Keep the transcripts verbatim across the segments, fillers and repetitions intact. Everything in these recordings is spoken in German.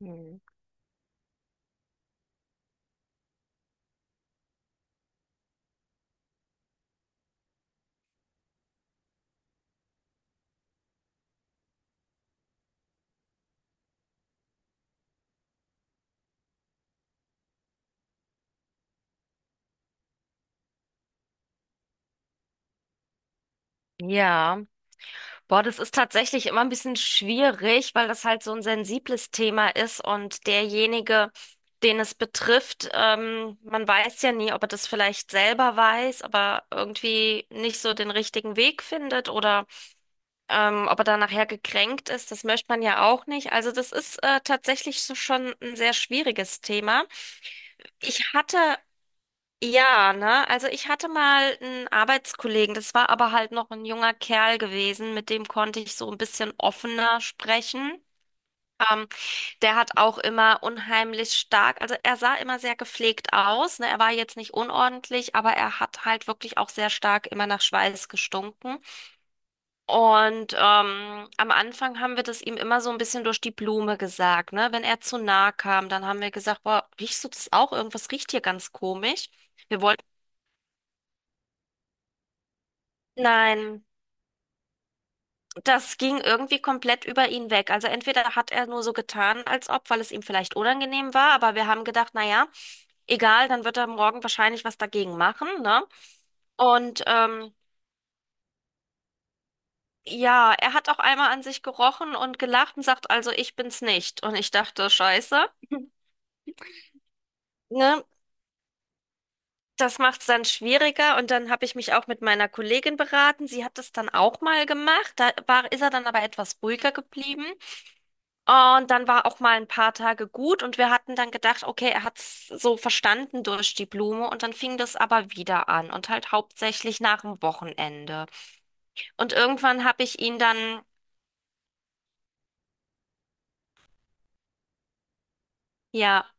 Hm. Ja, boah, das ist tatsächlich immer ein bisschen schwierig, weil das halt so ein sensibles Thema ist und derjenige, den es betrifft, ähm, man weiß ja nie, ob er das vielleicht selber weiß, aber irgendwie nicht so den richtigen Weg findet oder ähm, ob er da nachher gekränkt ist, das möchte man ja auch nicht. Also das ist äh, tatsächlich so schon ein sehr schwieriges Thema. Ich hatte Ja, ne? Also ich hatte mal einen Arbeitskollegen, das war aber halt noch ein junger Kerl gewesen, mit dem konnte ich so ein bisschen offener sprechen. Ähm, Der hat auch immer unheimlich stark, also er sah immer sehr gepflegt aus, ne? Er war jetzt nicht unordentlich, aber er hat halt wirklich auch sehr stark immer nach Schweiß gestunken. Und ähm, am Anfang haben wir das ihm immer so ein bisschen durch die Blume gesagt, ne? Wenn er zu nah kam, dann haben wir gesagt, boah, riechst du das auch? Irgendwas riecht hier ganz komisch. Wir wollten Nein, das ging irgendwie komplett über ihn weg. Also entweder hat er nur so getan, als ob, weil es ihm vielleicht unangenehm war, aber wir haben gedacht, na ja, egal, dann wird er morgen wahrscheinlich was dagegen machen, ne? Und ähm, ja, er hat auch einmal an sich gerochen und gelacht und sagt, also ich bin's nicht. Und ich dachte, Scheiße, ne? Das macht's dann schwieriger. Und dann habe ich mich auch mit meiner Kollegin beraten. Sie hat das dann auch mal gemacht. Da war, ist er dann aber etwas ruhiger geblieben. Und dann war auch mal ein paar Tage gut und wir hatten dann gedacht, okay, er hat's so verstanden durch die Blume und dann fing das aber wieder an und halt hauptsächlich nach dem Wochenende. Und irgendwann habe ich ihn dann, ja.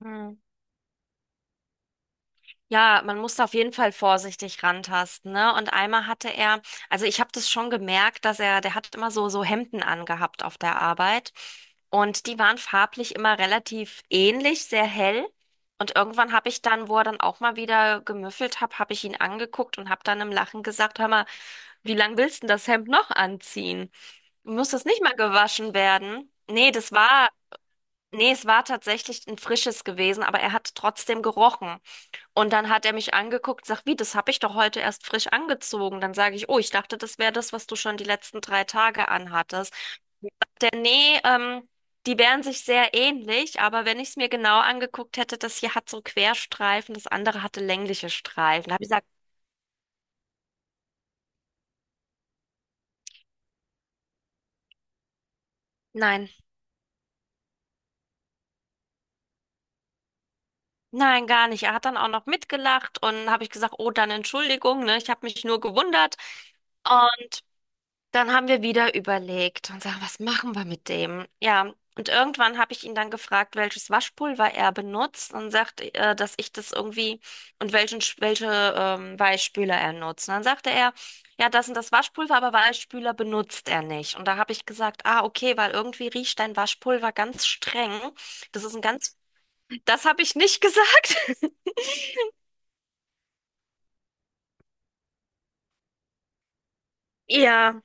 hm, Ja, man muss da auf jeden Fall vorsichtig rantasten, ne? Und einmal hatte er, also ich habe das schon gemerkt, dass er, der hat immer so so Hemden angehabt auf der Arbeit und die waren farblich immer relativ ähnlich, sehr hell. Und irgendwann habe ich dann, wo er dann auch mal wieder gemüffelt hat, habe ich ihn angeguckt und habe dann im Lachen gesagt, hör mal, wie lang willst du denn das Hemd noch anziehen? Muss das nicht mal gewaschen werden? Nee, das war, nee, es war tatsächlich ein frisches gewesen, aber er hat trotzdem gerochen. Und dann hat er mich angeguckt, sagt, wie, das habe ich doch heute erst frisch angezogen. Dann sage ich, oh, ich dachte, das wäre das, was du schon die letzten drei Tage anhattest. Der, nee, ähm, Die wären sich sehr ähnlich, aber wenn ich es mir genau angeguckt hätte, das hier hat so Querstreifen, das andere hatte längliche Streifen. Da habe ich gesagt, nein, nein, gar nicht. Er hat dann auch noch mitgelacht und habe ich gesagt, oh, dann Entschuldigung, ne, ich habe mich nur gewundert. Dann haben wir wieder überlegt und sagen, was machen wir mit dem? Ja, und irgendwann habe ich ihn dann gefragt, welches Waschpulver er benutzt und sagt, äh, dass ich das irgendwie und welchen Sch- welche ähm, Weichspüler er nutzt. Und dann sagte er, ja, das sind das Waschpulver, aber Weichspüler benutzt er nicht. Und da habe ich gesagt, ah, okay, weil irgendwie riecht dein Waschpulver ganz streng. Das ist ein ganz, das habe ich nicht gesagt. Ja,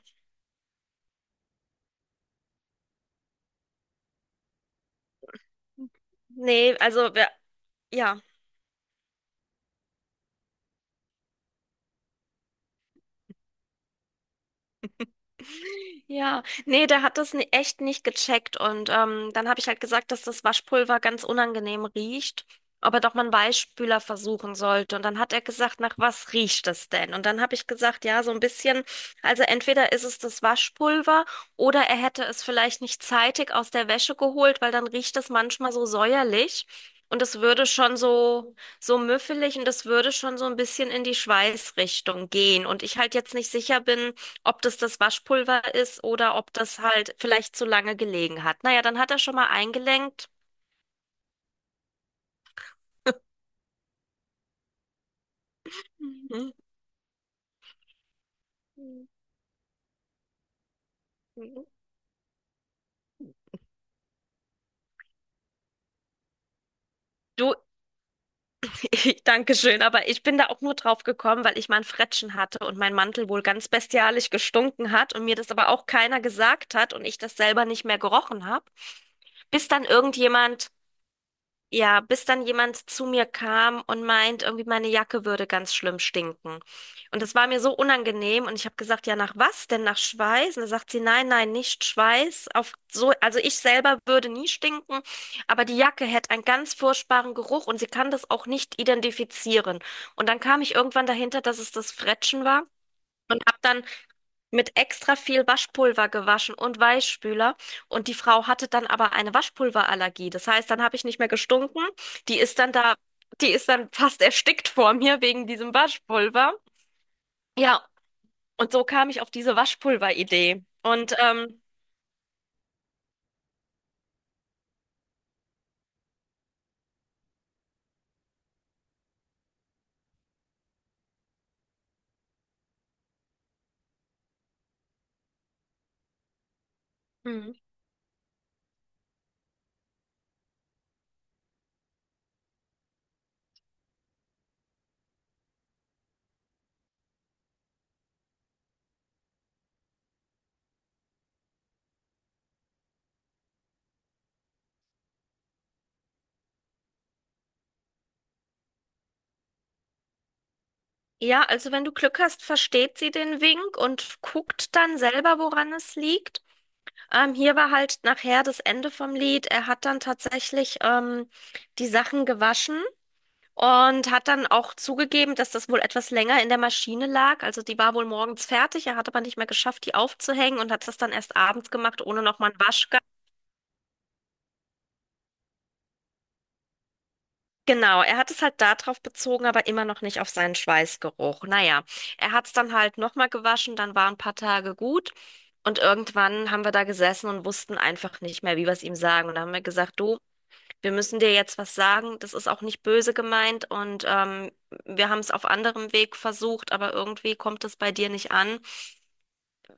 nee, also wir, ja. Ja, nee, der hat das ni- echt nicht gecheckt und ähm, dann habe ich halt gesagt, dass das Waschpulver ganz unangenehm riecht, ob er doch mal einen Weichspüler versuchen sollte. Und dann hat er gesagt, nach was riecht es denn? Und dann habe ich gesagt, ja, so ein bisschen, also entweder ist es das Waschpulver oder er hätte es vielleicht nicht zeitig aus der Wäsche geholt, weil dann riecht es manchmal so säuerlich und es würde schon so so müffelig und das würde schon so ein bisschen in die Schweißrichtung gehen. Und ich halt jetzt nicht sicher bin, ob das das Waschpulver ist oder ob das halt vielleicht zu lange gelegen hat. Naja, dann hat er schon mal eingelenkt. Mhm. Du, ich, danke schön, aber ich bin da auch nur drauf gekommen, weil ich mal ein Frettchen hatte und mein Mantel wohl ganz bestialisch gestunken hat und mir das aber auch keiner gesagt hat und ich das selber nicht mehr gerochen habe, bis dann irgendjemand Ja, bis dann jemand zu mir kam und meint, irgendwie meine Jacke würde ganz schlimm stinken. Und das war mir so unangenehm und ich habe gesagt, ja, nach was denn? Nach Schweiß? Und da sagt sie, nein, nein, nicht Schweiß. Auf so, also ich selber würde nie stinken, aber die Jacke hätte einen ganz furchtbaren Geruch und sie kann das auch nicht identifizieren. Und dann kam ich irgendwann dahinter, dass es das Frettchen war. Und habe dann Mit extra viel Waschpulver gewaschen und Weichspüler. Und die Frau hatte dann aber eine Waschpulverallergie. Das heißt, dann habe ich nicht mehr gestunken. Die ist dann da, Die ist dann fast erstickt vor mir wegen diesem Waschpulver. Ja, und so kam ich auf diese Waschpulveridee. Und ähm, hm. Ja, also wenn du Glück hast, versteht sie den Wink und guckt dann selber, woran es liegt. Ähm, hier war halt nachher das Ende vom Lied. Er hat dann tatsächlich ähm, die Sachen gewaschen. Und hat dann auch zugegeben, dass das wohl etwas länger in der Maschine lag. Also die war wohl morgens fertig. Er hat aber nicht mehr geschafft, die aufzuhängen und hat das dann erst abends gemacht, ohne nochmal einen Waschgang. Genau, er hat es halt darauf bezogen, aber immer noch nicht auf seinen Schweißgeruch. Naja, er hat es dann halt nochmal gewaschen, dann waren ein paar Tage gut. Und irgendwann haben wir da gesessen und wussten einfach nicht mehr, wie wir es ihm sagen. Und dann haben wir gesagt, du, wir müssen dir jetzt was sagen. Das ist auch nicht böse gemeint und ähm, wir haben es auf anderem Weg versucht, aber irgendwie kommt es bei dir nicht an.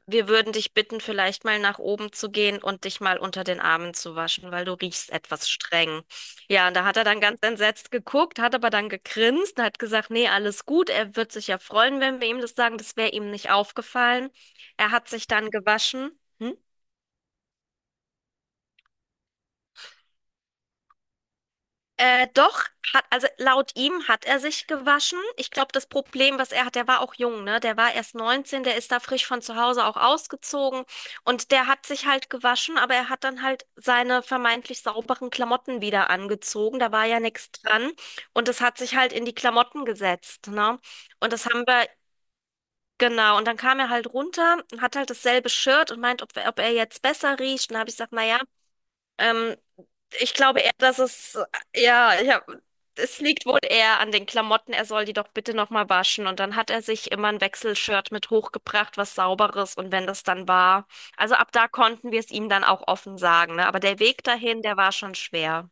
Wir würden dich bitten, vielleicht mal nach oben zu gehen und dich mal unter den Armen zu waschen, weil du riechst etwas streng. Ja, und da hat er dann ganz entsetzt geguckt, hat aber dann gegrinst und hat gesagt, nee, alles gut. Er wird sich ja freuen, wenn wir ihm das sagen. Das wäre ihm nicht aufgefallen. Er hat sich dann gewaschen. Hm? Äh, doch, hat, also laut ihm hat er sich gewaschen. Ich glaube, das Problem, was er hat, der war auch jung, ne? Der war erst neunzehn, der ist da frisch von zu Hause auch ausgezogen und der hat sich halt gewaschen, aber er hat dann halt seine vermeintlich sauberen Klamotten wieder angezogen. Da war ja nichts dran und das hat sich halt in die Klamotten gesetzt, ne? Und das haben wir, genau. Und dann kam er halt runter und hat halt dasselbe Shirt und meint, ob, ob er jetzt besser riecht. Und da habe ich gesagt, naja, ähm, ich glaube eher, dass es, ja, ich hab, es liegt wohl eher an den Klamotten. Er soll die doch bitte nochmal waschen. Und dann hat er sich immer ein Wechselshirt mit hochgebracht, was Sauberes. Und wenn das dann war, also ab da konnten wir es ihm dann auch offen sagen, ne? Aber der Weg dahin, der war schon schwer.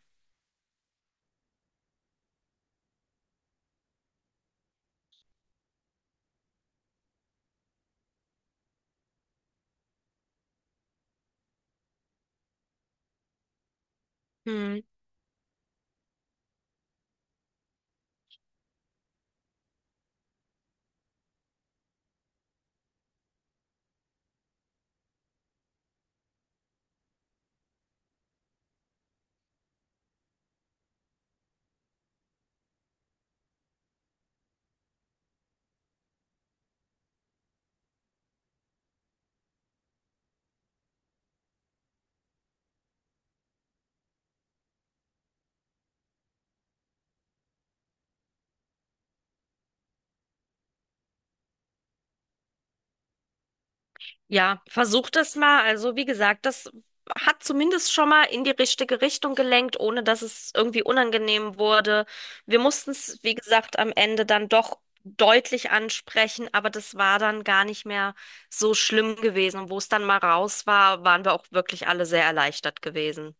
Hm. Ja, versuch das mal. Also, wie gesagt, das hat zumindest schon mal in die richtige Richtung gelenkt, ohne dass es irgendwie unangenehm wurde. Wir mussten es, wie gesagt, am Ende dann doch deutlich ansprechen, aber das war dann gar nicht mehr so schlimm gewesen. Und wo es dann mal raus war, waren wir auch wirklich alle sehr erleichtert gewesen.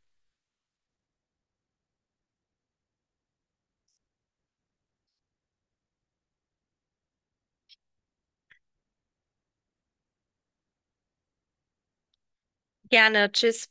Gerne, tschüss.